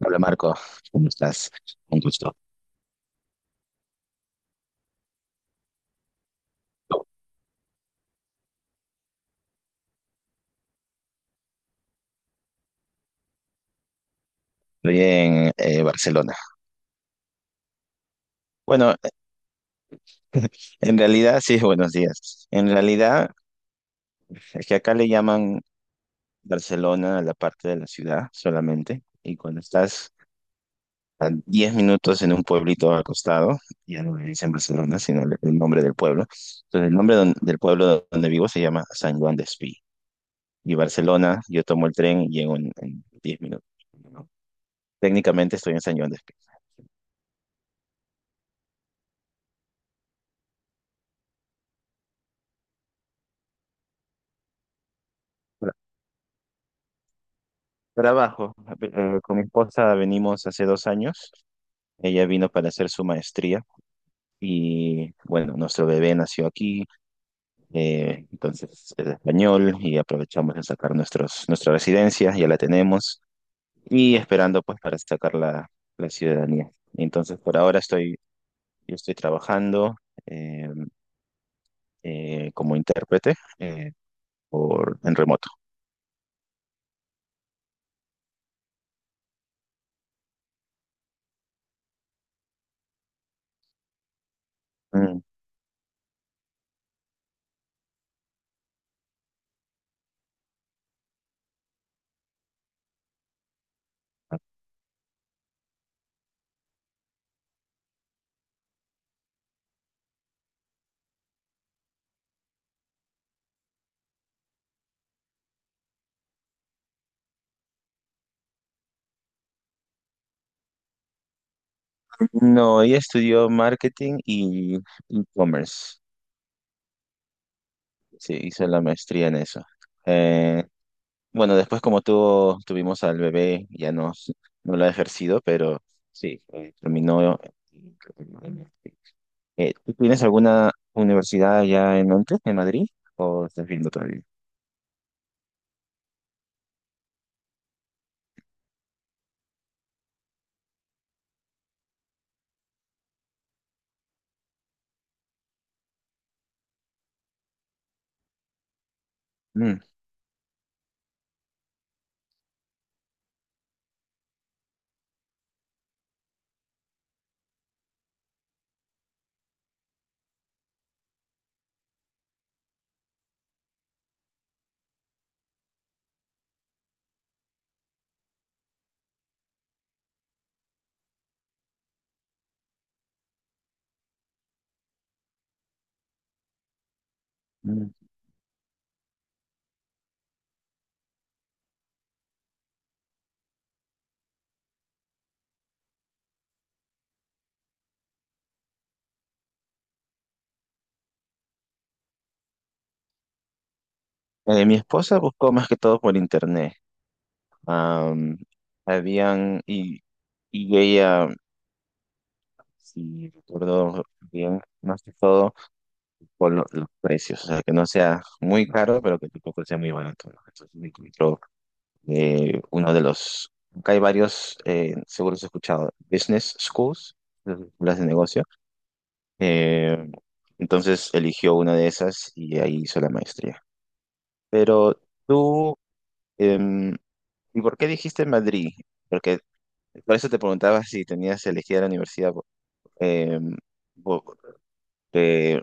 Hola Marco, ¿cómo estás? Un gusto. Estoy en Barcelona. Bueno, en realidad, sí, buenos días. En realidad, es que acá le llaman Barcelona a la parte de la ciudad solamente, y cuando estás a 10 minutos en un pueblito acostado, ya no le dicen Barcelona, sino el nombre del pueblo. Entonces, el nombre del pueblo donde vivo se llama San Juan de Espí. Y Barcelona, yo tomo el tren y llego en 10 minutos, ¿no? Técnicamente estoy en San Juan de Espí. Trabajo. Con mi esposa venimos hace 2 años. Ella vino para hacer su maestría y bueno, nuestro bebé nació aquí, entonces es español y aprovechamos de sacar nuestra residencia, ya la tenemos y esperando pues para sacar la ciudadanía. Entonces por ahora yo estoy trabajando eh, como intérprete por, en remoto. Mm. No, ella estudió marketing y e-commerce. Sí, hice la maestría en eso. Eh, bueno, después tuvimos al bebé, ya no, no lo ha ejercido, pero sí, terminó. ¿Tú tienes alguna universidad allá en Madrid? ¿O estás viendo todavía? Mm, mm. Mi esposa buscó más que todo por internet. Am, habían, y ella, si recuerdo bien, más que todo. Con los precios, o sea, que no sea muy caro, pero que tampoco sea muy barato, ¿no? Entonces me encontró uno de los, acá hay varios, seguro has escuchado, business schools, las escuelas de negocio, eh, entonces eligió una de esas y ahí hizo la maestría. Pero tú, em, ¿y por qué dijiste Madrid? Porque por eso te preguntaba si tenías elegida la universidad, em, bo- eh,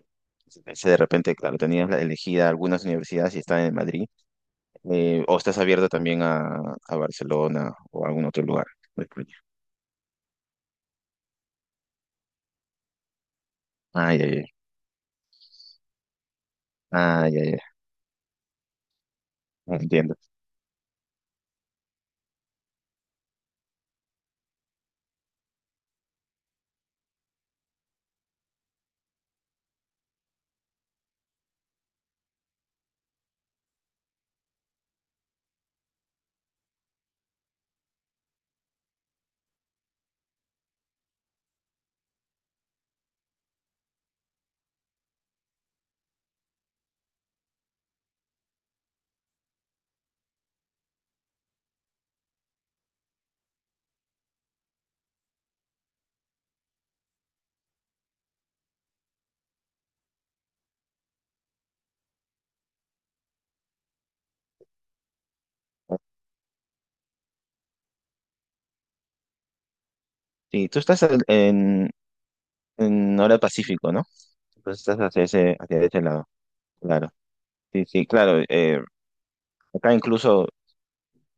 pensé de repente, claro, tenías elegida algunas universidades y estaban en Madrid. ¿O estás abierto también a Barcelona o a algún otro lugar de España? Ay, ay, ay. Ay, ay, ay. Entiendo. Sí, tú estás en hora Pacífico, ¿no? Entonces estás hacia ese lado, claro. Sí, sí, claro. Acá incluso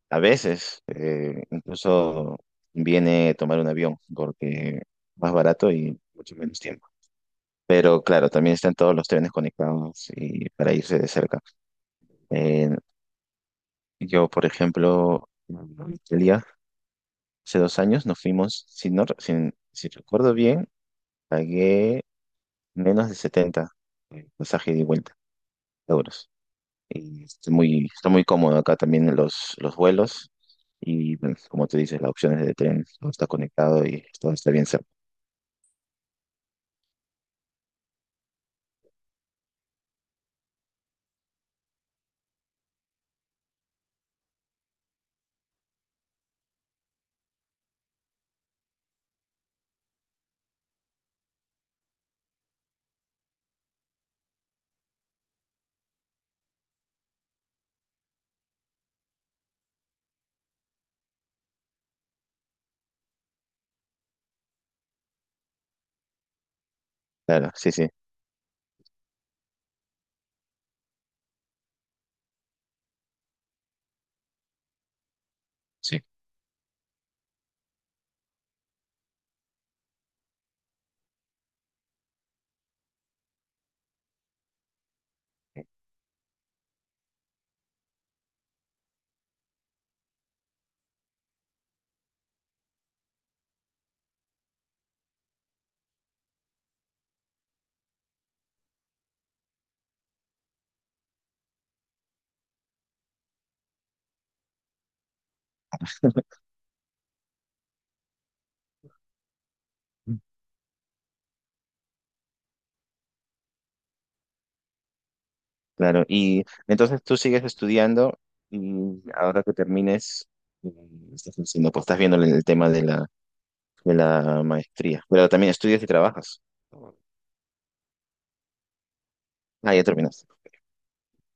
a veces, incluso viene tomar un avión porque más barato y mucho menos tiempo. Pero claro, también están todos los trenes conectados y para irse de cerca. Eh, yo, por ejemplo, hace 2 años nos fuimos, si, no, re- si recuerdo bien, pagué menos de 70 el pasaje de vuelta euros. Y está muy cómodo acá también los vuelos. Y bueno, como tú dices, las opciones de tren, todo está conectado y todo está bien cerca. Claro, sí, sí. Sí. Claro, y entonces tú sigues estudiando y ahora que termines, eh, estás haciendo, pues estás viendo el tema de la maestría, pero también estudias y trabajas. Ah, ya terminaste.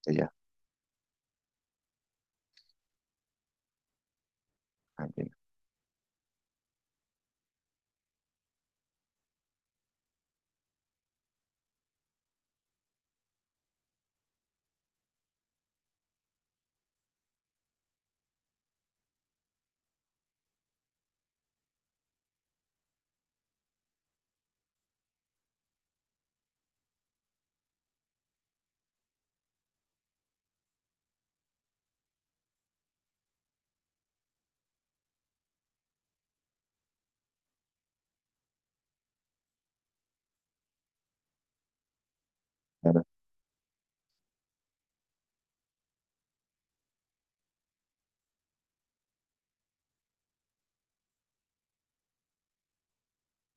Ya. Ah, bien, claro.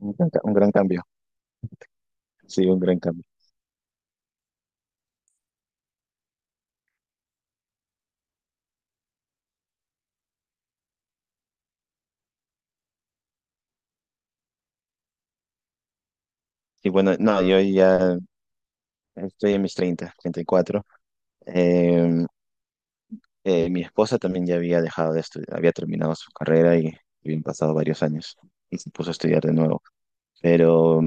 Un gran cambio, sí, un gran cambio. Y bueno, no, yo ya estoy en mis 30, 34. Eh, mi esposa también ya había dejado de estudiar, había terminado su carrera y habían pasado varios años y se puso a estudiar de nuevo. Pero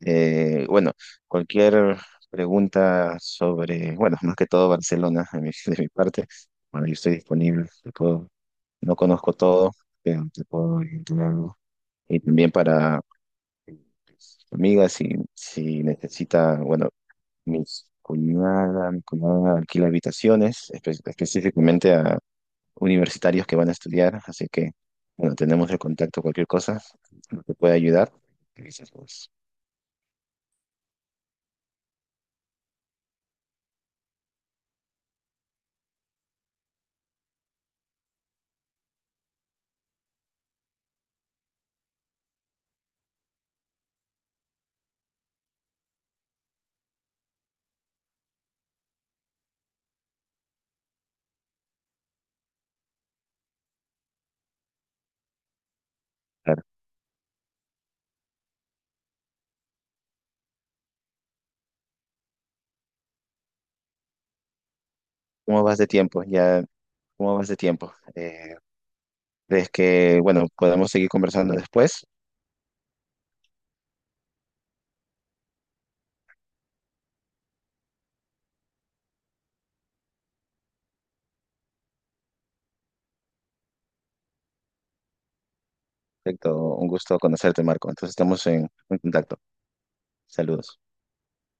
bueno, cualquier pregunta sobre, bueno, más que todo Barcelona de mi, de mi parte, bueno, yo estoy disponible, te puedo- no conozco todo, pero te puedo orientar algo. Y también para Amiga, si necesita, bueno, mi cuñada alquila habitaciones específicamente a universitarios que van a estudiar, así que, bueno, tenemos el contacto, cualquier cosa que pueda ayudar. ¿Qué dices vos? Claro. ¿Cómo vas de tiempo? Ya, ¿cómo vas de tiempo? ¿Crees que, bueno, podemos seguir conversando después? Perfecto, un gusto conocerte, Marco. Entonces estamos en contacto. Saludos.